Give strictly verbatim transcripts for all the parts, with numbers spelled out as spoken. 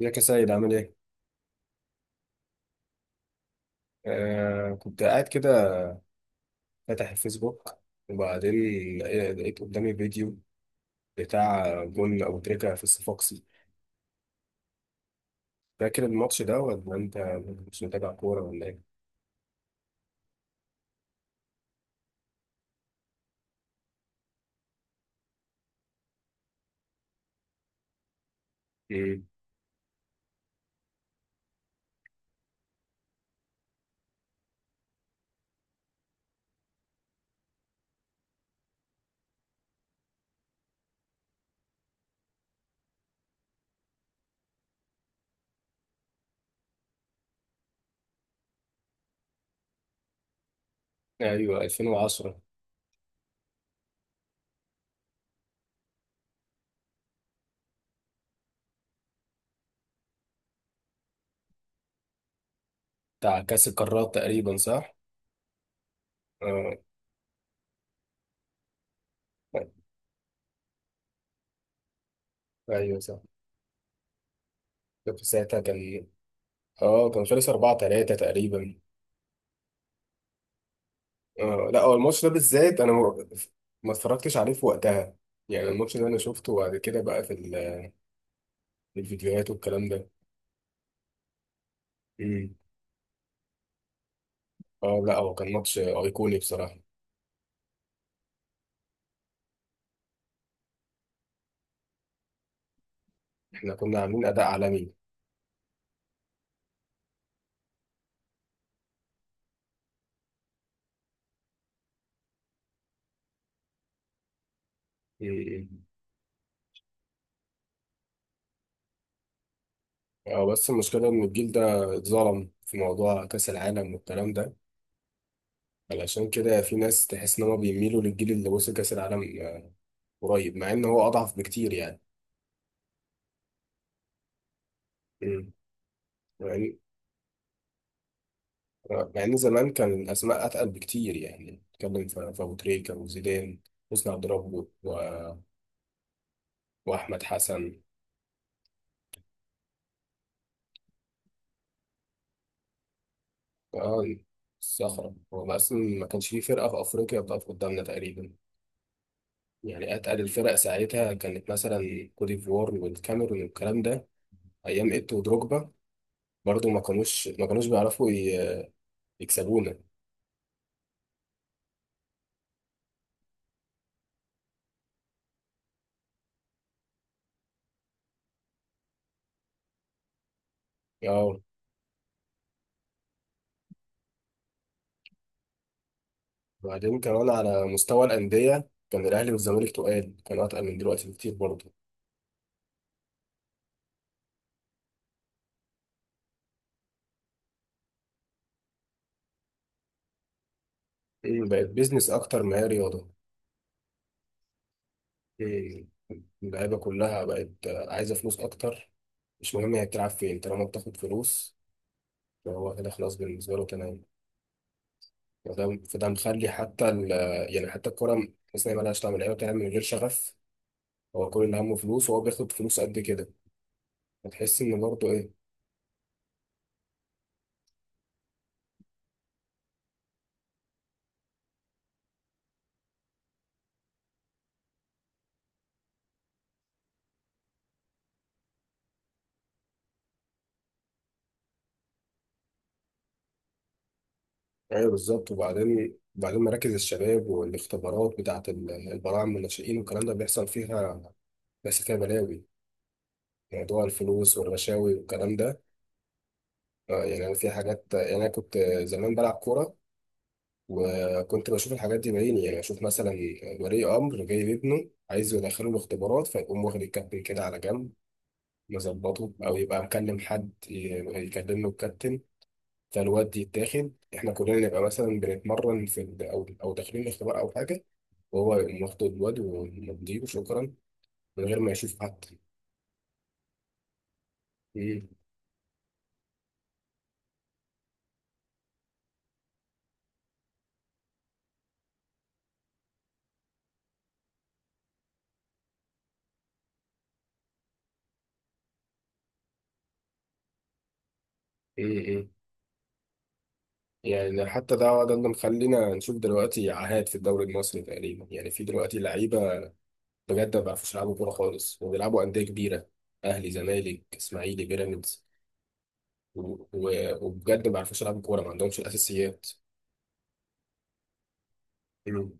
ازيك يا سيد، عامل ايه؟ آه، كنت قاعد كده فاتح الفيسبوك وبعدين لقيت قدامي فيديو بتاع جون أبو تريكة في الصفاقسي. فاكر الماتش ده ولا انت مش متابع كورة ولا ايه؟ مم. ايوه، ألفين وعشرة، بتاع كأس القارات تقريبا، صح؟ آه ايوه صح. كنت ساعتها كان اه كان خلص أربعة تلاتة تقريبا. آه لا، هو الماتش ده بالذات انا ما ما اتفرجتش عليه في وقتها، يعني الماتش ده انا شفته بعد كده بقى في الفيديوهات والكلام ده. امم. اه لا، هو كان ماتش ايقوني بصراحه، احنا كنا عاملين اداء عالمي. امم. اه بس المشكله ان الجيل ده اتظلم في موضوع كاس العالم والكلام ده، علشان كده في ناس تحس ان هم بيميلوا للجيل اللي وصل كاس العالم آه، قريب، مع ان هو اضعف بكتير يعني. امم. مع ان آه، مع ان زمان كان الاسماء اتقل بكتير، يعني نتكلم في في ابو تريكه وزيدان، حسني عبد ربه و- واحمد حسن. اه الصخرة، هو أصلا ما كانش فيه فرقة في أفريقيا بتقف قدامنا تقريبا. يعني أتقل الفرق ساعتها كانت مثلا كوت ديفوار والكاميرون والكلام ده، أيام إيتو ودروجبا، برضو ما كانوش ما كانوش بيعرفوا ي- يكسبونا. اه، وبعدين كمان على مستوى الأندية كان الأهلي والزمالك تقال، كانوا أتقل من دلوقتي بكتير برضو. مم، بقت بيزنس أكتر ما هي رياضة. مم، اللعيبة كلها بقت آه، عايزة فلوس أكتر. مش مهم هي بتلعب فين طالما بتاخد فلوس، هو كده خلاص بالنسبة له تمام. فده فده مخلي حتى ال، يعني حتى الكورة تحس إن هي مالهاش طعم، اللعيبة بتلعب من غير شغف، هو كل اللي همه فلوس، وهو بياخد فلوس قد كده هتحس إن برضه إيه. أيوه بالظبط. وبعدين وبعدين مراكز الشباب والاختبارات بتاعة ال- البراعم والناشئين والكلام ده بيحصل فيها بس فيها بلاوي، موضوع الفلوس والرشاوي والكلام ده. آه، يعني أنا في حاجات، يعني أنا كنت زمان بلعب كورة وكنت بشوف الحاجات دي بعيني. يعني اشوف مثلا ولي امر جاي لابنه عايز يدخله الاختبارات، فيقوم واخد الكابتن كده على جنب مظبطه، او يبقى مكلم حد ي- يكلم له الكابتن، فالواد يتاخد. احنا كلنا نبقى مثلا بنتمرن في ال- او او داخلين الاختبار او حاجه، وهو يقوم واخد الواد ومضيه وشكرا، من غير ما يشوف حد. مم. مم. مم. يعني حتى ده ده اللي مخلينا نشوف دلوقتي عاهات في الدوري المصري. تقريبا يعني في دلوقتي لعيبه بجد ما بيعرفوش يلعبوا كورة خالص وبيلعبوا أندية كبيرة، أهلي زمالك إسماعيلي بيراميدز و- و- وبجد ما بيعرفوش يلعبوا كورة، ما عندهمش الأساسيات. مم.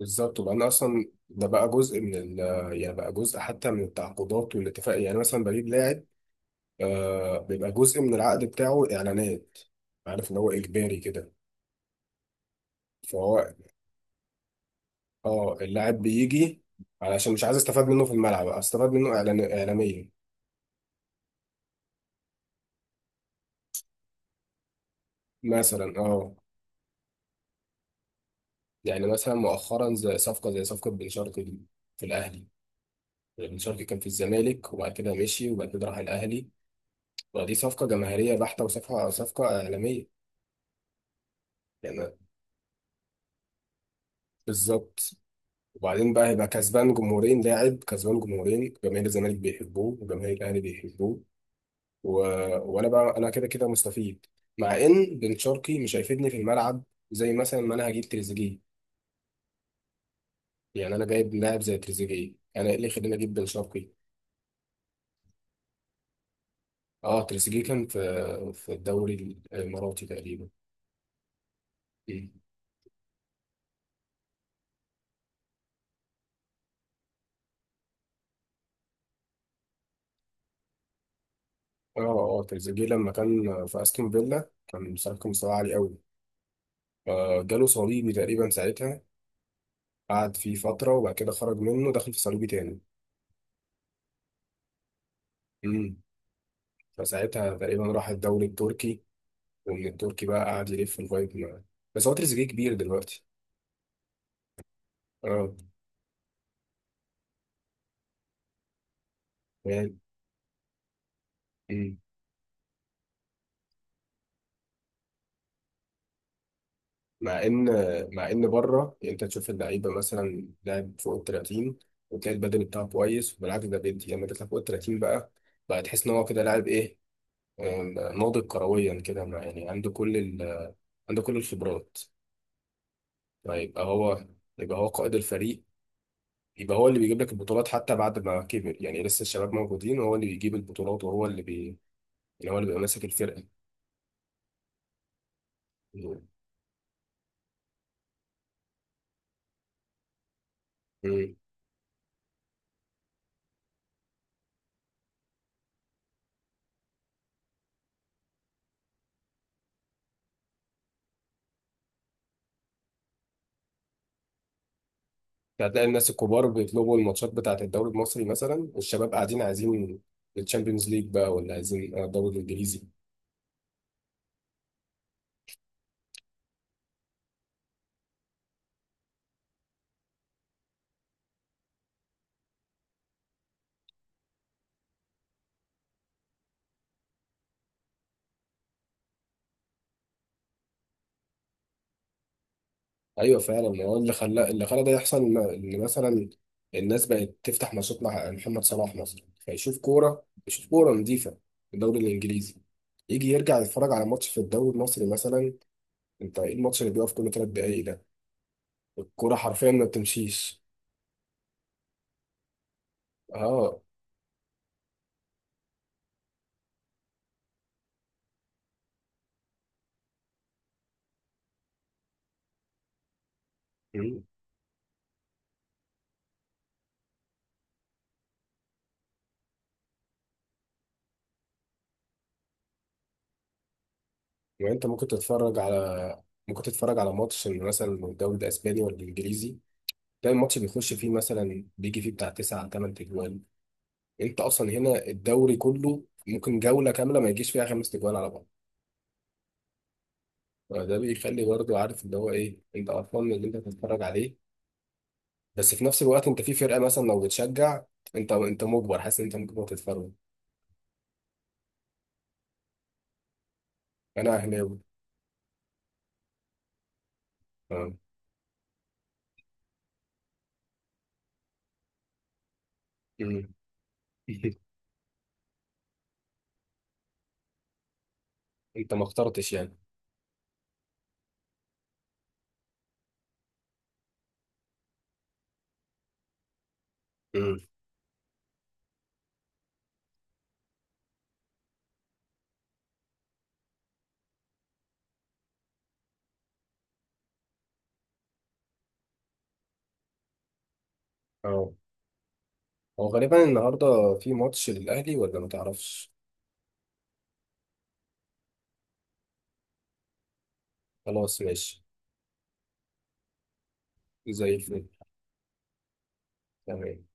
بالظبط. وبعدين أصلا ده بقى جزء من ال، يعني بقى جزء حتى من التعاقدات والاتفاق، يعني مثلا بجيب لاعب آه بيبقى جزء من العقد بتاعه إعلانات، عارف إن هو إجباري كده. فهو اه اللاعب بيجي علشان مش عايز استفاد منه في الملعب، استفاد منه إعلان إعلاميا مثلا. اه، يعني مثلا مؤخرا زي صفقة زي صفقة بن شرقي في الأهلي. يعني بن شرقي كان في الزمالك وبعد كده مشي، وبعد كده راح الأهلي. ودي صفقة جماهيرية بحتة، وصفقة صفقة إعلامية يعني. بالظبط. وبعدين بقى هيبقى كسبان جمهورين، لاعب كسبان جمهورين، جماهير الزمالك بيحبوه وجماهير الأهلي بيحبوه و... وأنا بقى، أنا كده كده مستفيد، مع إن بن شرقي مش هيفيدني في الملعب زي مثلا ما أنا هجيب تريزيجيه. يعني أنا جايب لاعب زي تريزيجيه، أنا إيه اللي يخليني أجيب بن شرقي. اه تريزيجيه كان في في الدوري الاماراتي تقريبا. مم. اه اه تريزيجيه لما كان في استون فيلا كان بصراحه كان مستواه عالي قوي. فجاله صليبي تقريبا ساعتها، قعد فيه فتره وبعد كده خرج منه دخل في صليبي تاني. امم. فساعتها تقريبا راح الدوري التركي، ومن التركي بقى قعد يلف لغايه ما، بس هو تريزيجيه كبير دلوقتي. اه يعني. مم. مع ان مع ان بره، يعني انت تشوف اللعيبه مثلا لاعب فوق ال ثلاثين، وتلاقي البدني بتاعه كويس. بالعكس ده بيدي، لما تطلع فوق ال تلاتين بقى، بقى تحس ان هو كده لاعب ايه آه، ناضج كرويا كده. مع- يعني عنده كل ال، عنده كل الخبرات. فيبقى هو يبقى هو قائد الفريق، يبقى هو اللي بيجيب لك البطولات حتى بعد ما كبر، يعني لسه الشباب موجودين وهو اللي بيجيب البطولات وهو اللي بي، يعني هو اللي بيبقى ماسك الفرقه. مم. يعني هتلاقي الناس الكبار بيطلبوا الماتشات بتاعة الدوري المصري مثلا، والشباب قاعدين عايزين الشامبيونز ليج بقى ولا عايزين الدوري الانجليزي. ايوه فعلا، هو اللي خلى اللي خلى ده يحصل م- ان مثلا الناس بقت تفتح ماتشات مع محمد صلاح مثلا، فيشوف كوره، يشوف كوره نظيفه في الدوري الانجليزي، يجي يرجع يتفرج على ماتش في الدوري المصري مثلا، انت ايه الماتش اللي بيقف كل ثلاث دقايق ده؟ الكوره حرفيا ما بتمشيش. اه، ما انت ممكن تتفرج على، ممكن تتفرج على ماتش مثلا من الدوري الاسباني ولا الانجليزي، تلاقي الماتش بيخش فيه مثلا بيجي فيه بتاع تسعة تمانية تجوال. انت اصلا هنا الدوري كله ممكن جوله كامله ما يجيش فيها خمس تجوال على بعض. ده بيخلي برضه، عارف اللي هو ايه، انت قرفان من اللي انت بتتفرج عليه. بس في نفس الوقت انت في فرقه مثلا لو بتشجع، انت انت مجبر، حاسس ان انت مجبر تتفرج. انا اهلاوي. اه. امم. انت ما اخترتش يعني. امم. اه. هو غالبا النهارده في ماتش للأهلي ولا ما تعرفش؟ خلاص ماشي، زي الفل، تمام.